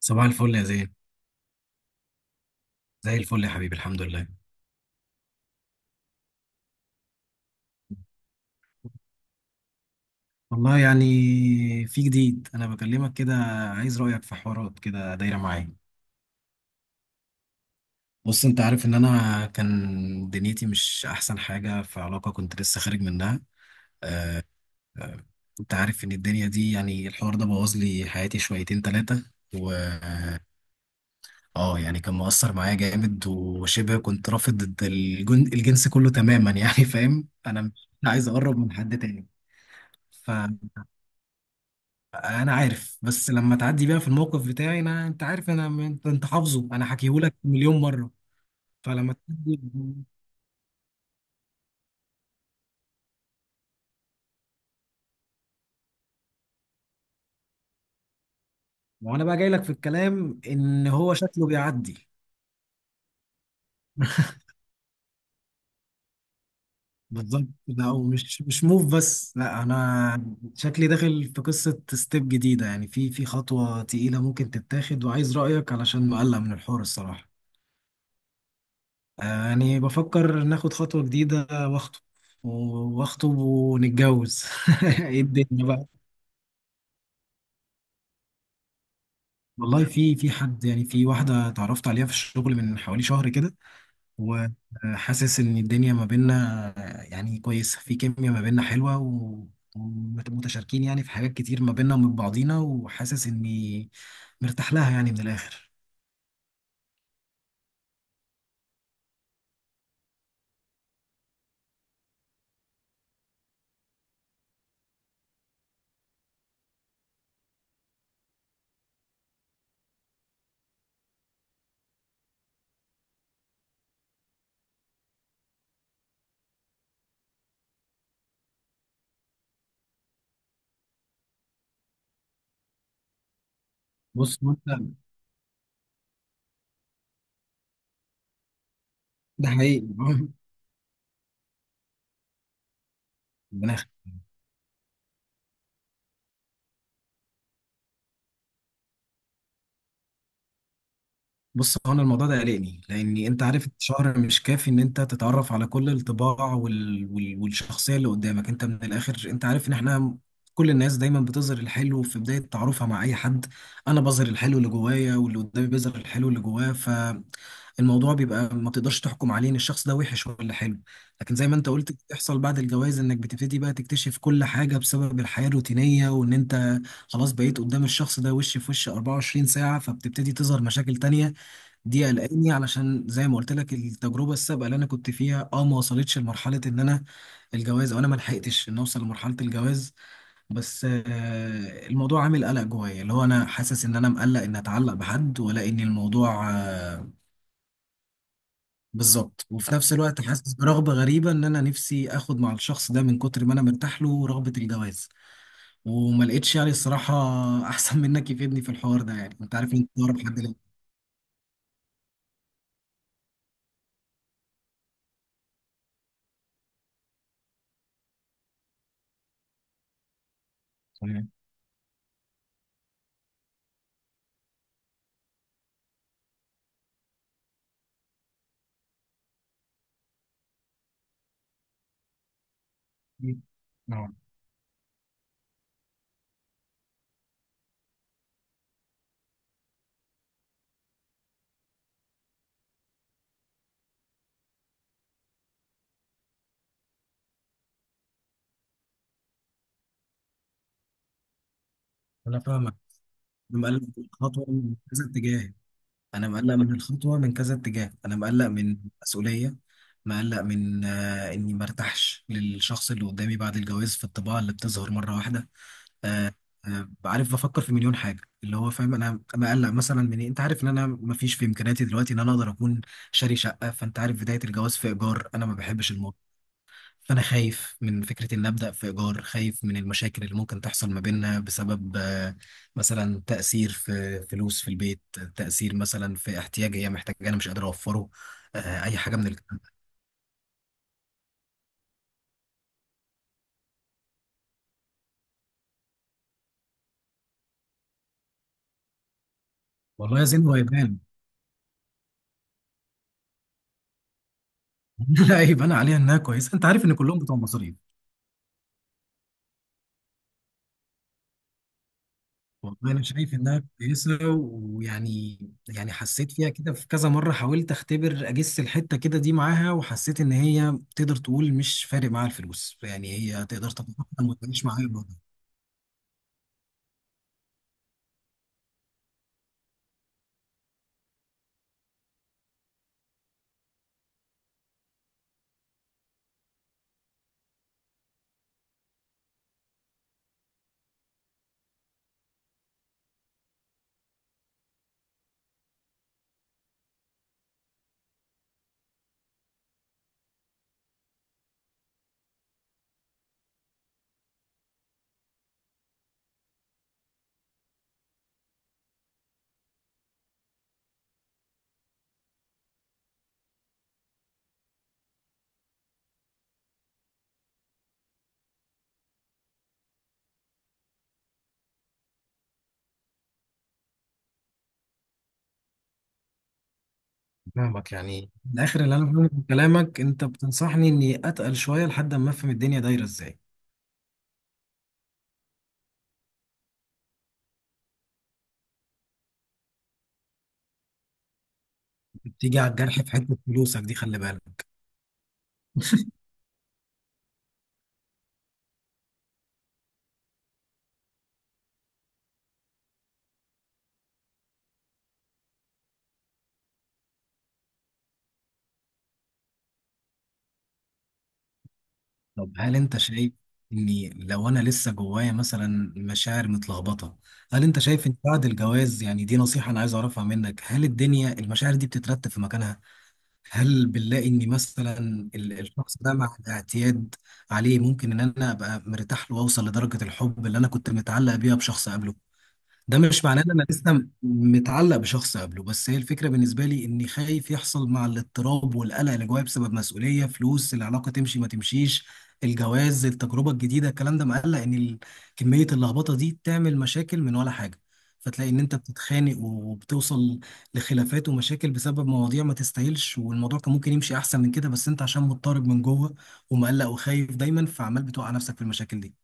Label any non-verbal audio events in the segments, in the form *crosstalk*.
صباح الفل يا زين. زي الفل يا حبيبي، الحمد لله. والله يعني في جديد، انا بكلمك كده عايز رأيك في حوارات كده دايرة معايا. بص، انت عارف ان انا كان دنيتي مش احسن حاجة في علاقة كنت لسه خارج منها. آه، انت عارف ان الدنيا دي يعني الحوار ده بوظ لي حياتي شويتين ثلاثة و اه يعني كان مؤثر معايا جامد، وشبه كنت رافض الجنس كله تماما، يعني فاهم انا مش عايز اقرب من حد تاني. انا عارف، بس لما تعدي بيها في الموقف بتاعي انا، انت عارف انا، انت حافظه انا حكيهولك مليون مره. فلما تعدي، وانا بقى جاي لك في الكلام ان هو شكله بيعدي. بالظبط، ده او مش موف بس، لا انا شكلي داخل في قصه ستيب جديده، يعني في خطوه تقيله ممكن تتاخد، وعايز رايك علشان مقلق من الحوار الصراحه. يعني بفكر ناخد خطوه جديده واخطب. واخطب ونتجوز. *laughs* ايه الدنيا بقى! والله في حد، يعني في واحدة اتعرفت عليها في الشغل من حوالي شهر كده، وحاسس إن الدنيا ما بيننا يعني كويسة، في كيميا ما بيننا حلوة ومتشاركين يعني في حاجات كتير ما بيننا ومن بعضينا، وحاسس إني مرتاح لها يعني من الآخر. بص وأنت، ده حقيقي. *laughs* من الآخر. بص، هو انا الموضوع ده قلقني، لاني انت عارف الشهر مش كافي ان انت تتعرف على كل الطباع والشخصيه اللي قدامك. انت من الاخر انت عارف ان احنا كل الناس دايما بتظهر الحلو في بدايه تعارفها مع اي حد. انا بظهر الحلو اللي جوايا، واللي قدامي بيظهر الحلو اللي جواه. فالموضوع بيبقى ما تقدرش تحكم عليه ان الشخص ده وحش ولا حلو. لكن زي ما انت قلت، بتحصل بعد الجواز انك بتبتدي بقى تكتشف كل حاجه بسبب الحياه الروتينيه، وان انت خلاص بقيت قدام الشخص ده وش في وش 24 ساعه، فبتبتدي تظهر مشاكل تانية. دي قلقاني، علشان زي ما قلت لك التجربه السابقه اللي انا كنت فيها اه ما وصلتش لمرحله ان انا الجواز، او انا ما لحقتش ان اوصل لمرحله الجواز. بس آه الموضوع عامل قلق جوايا، اللي هو انا حاسس ان انا مقلق ان اتعلق بحد، ولا ان الموضوع آه بالظبط. وفي نفس الوقت حاسس برغبه غريبه، ان انا نفسي اخد مع الشخص ده من كتر ما انا مرتاح له رغبه الجواز. وما لقيتش يعني الصراحه *laughs* احسن منك يفيدني في الحوار ده، يعني انت عارف ان انت أقرب حد ليا. تمام. نعم. انا فاهمك. انا مقلق من الخطوه من كذا اتجاه. انا مقلق من الخطوه من كذا اتجاه. انا مقلق من مسؤوليه. مقلق من اني مرتاحش للشخص اللي قدامي بعد الجواز في الطباع اللي بتظهر مره واحده. آه آه عارف، بفكر في مليون حاجه. اللي هو فاهم انا مقلق مثلا من إيه؟ انت عارف ان انا مفيش في امكانياتي دلوقتي ان انا اقدر اكون شاري شقه، فانت عارف بدايه الجواز في ايجار انا ما بحبش. فأنا خايف من فكرة إن أبدأ في إيجار، خايف من المشاكل اللي ممكن تحصل ما بيننا بسبب مثلا تأثير في فلوس في البيت، تأثير مثلا في احتياج هي محتاجة أنا مش قادر أوفره. أي حاجة من الكلام ده. والله يا زين هو يبان. *laughs* لا، يبان عليها إنها كويسة. أنت عارف إن كلهم بتوع مصاريف. والله أنا شايف إنها كويسة ويعني، يعني حسيت فيها كده في كذا مرة، حاولت أختبر أجس الحتة كده دي معاها، وحسيت إن هي تقدر تقول مش فارق معاها الفلوس، يعني هي تقدر تتفاهم وتعيش معايا. فاهمك. يعني من الاخر اللي انا فاهمه من كلامك انت بتنصحني اني اتقل شويه لحد ما افهم الدنيا دايره ازاي. بتيجي على الجرح في حته فلوسك دي، خلي بالك. طب هل انت شايف اني لو انا لسه جوايا مثلا مشاعر متلخبطه، هل انت شايف ان بعد الجواز، يعني دي نصيحه انا عايز اعرفها منك، هل الدنيا المشاعر دي بتترتب في مكانها؟ هل بنلاقي اني مثلا الشخص ده مع الاعتياد عليه ممكن ان انا ابقى مرتاح له واوصل لدرجه الحب اللي انا كنت متعلق بيها بشخص قبله؟ ده مش معناه ان انا لسه متعلق بشخص قبله، بس هي الفكره بالنسبه لي اني خايف يحصل مع الاضطراب والقلق اللي جوايا بسبب مسؤوليه فلوس، العلاقه تمشي ما تمشيش، الجواز، التجربه الجديده، الكلام ده مقلق ان كميه اللخبطه دي تعمل مشاكل من ولا حاجه. فتلاقي ان انت بتتخانق وبتوصل لخلافات ومشاكل بسبب مواضيع ما تستاهلش، والموضوع كان ممكن يمشي احسن من كده، بس انت عشان مضطرب من جوه ومقلق وخايف دايما، فعمال بتوقع نفسك في المشاكل دي.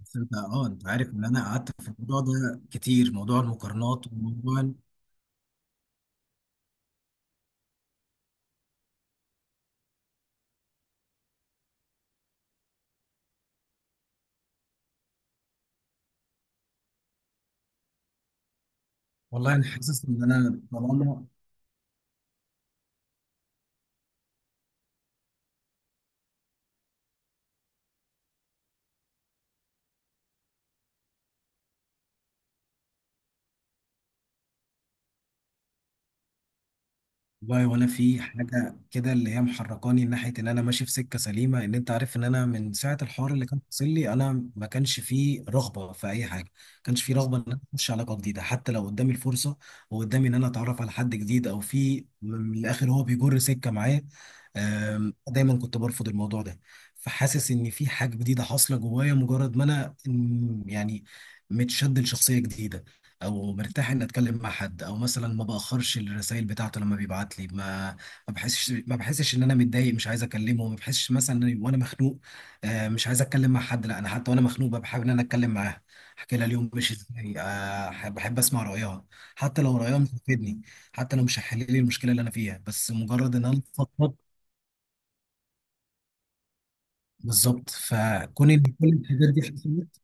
بس انت اه انت عارف ان انا قعدت في الموضوع ده كتير، موضوع المقارنات وموضوع والله انا حاسس ان انا طالما. والله وانا في حاجه كده اللي هي محركاني ناحيه ان انا ماشي في سكه سليمه، ان انت عارف ان انا من ساعه الحوار اللي كان حاصل لي انا ما كانش فيه رغبه في اي حاجه، ما كانش فيه رغبه ان انا اخش علاقه جديده حتى لو قدامي الفرصه، وقدامي ان انا اتعرف على حد جديد، او في من الاخر هو بيجر سكه معايا. دايما كنت برفض الموضوع ده. فحاسس ان في حاجه جديده حاصله جوايا، مجرد ما انا يعني متشد لشخصيه جديده، او مرتاح اني اتكلم مع حد، او مثلا ما باخرش الرسائل بتاعته لما بيبعت لي، ما بحسش ان انا متضايق مش عايز اكلمه. ما بحسش مثلا إني وانا مخنوق مش عايز اتكلم مع حد، لا انا حتى وانا مخنوق ببقى حابب ان انا اتكلم معاه، احكي لها اليوم مش ازاي، بحب اسمع رايها، حتى لو رايها مش هتفيدني، حتى لو مش هتحل لي المشكله اللي انا فيها، بس مجرد ان انا افضفض. بالظبط. فكون ان كل الحاجات دي حصلت.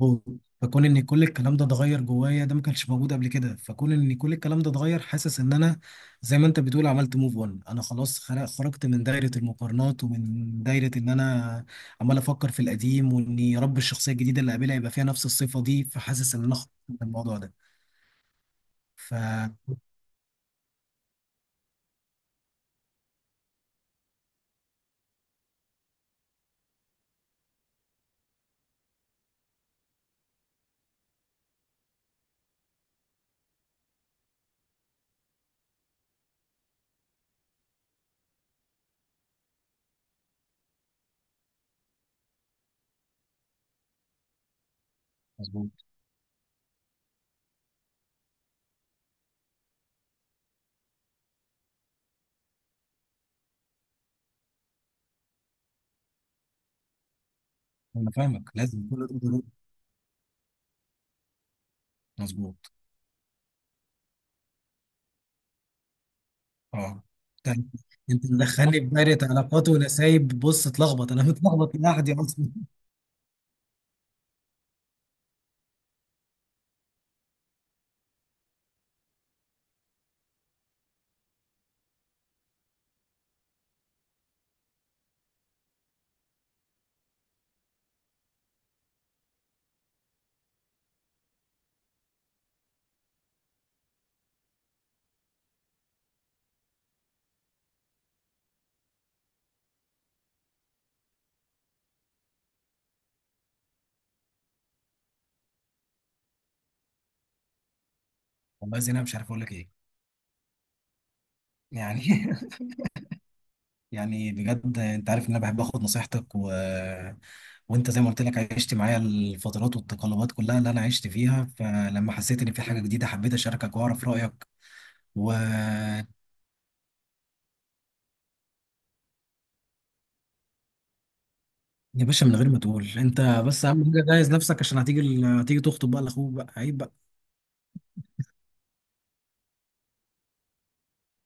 مم. فكون ان كل الكلام ده اتغير جوايا، ده ما كانش موجود قبل كده، فكون ان كل الكلام ده اتغير، حاسس ان انا زي ما انت بتقول عملت موف اون. انا خلاص خرجت من دايره المقارنات، ومن دايره ان انا عمال افكر في القديم، وان يا رب الشخصيه الجديده اللي قابلها يبقى فيها نفس الصفه دي. فحاسس ان انا خرجت من الموضوع ده. ف مظبوط. انا فاهمك، لازم كل ده ضروري. مظبوط. اه. انت أنت مدخلني في دايره علاقات ونسايب. بص، اتلخبط، انا متلخبط لوحدي اصلا. والله زين انا مش عارف اقول لك ايه. يعني *laughs* يعني بجد انت عارف ان انا بحب اخد نصيحتك وانت زي ما قلت لك عشت معايا الفترات والتقلبات كلها اللي انا عشت فيها، فلما حسيت ان في حاجه جديده حبيت اشاركك واعرف رايك و يا باشا من غير ما تقول انت. بس اهم حاجه جهز نفسك، عشان هتيجي هتيجي تخطب بقى لاخوك بقى، عيب بقى.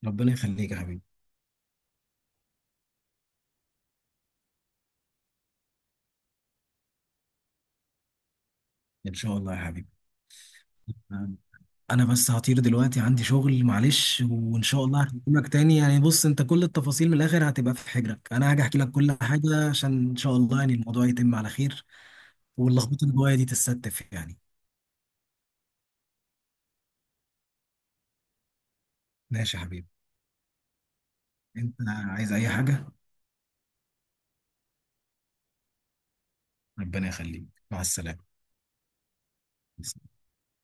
ربنا يخليك يا حبيبي. ان شاء الله يا حبيبي. انا بس هطير دلوقتي عندي شغل، معلش، وان شاء الله هكلمك تاني. يعني بص، انت كل التفاصيل من الاخر هتبقى في حجرك، انا هاجي احكي لك كل حاجه عشان ان شاء الله يعني الموضوع يتم على خير، واللخبطه اللي جوايا دي تتستف يعني. ماشي يا حبيبي. انت عايز اي حاجه؟ ربنا يخليك، مع السلامه.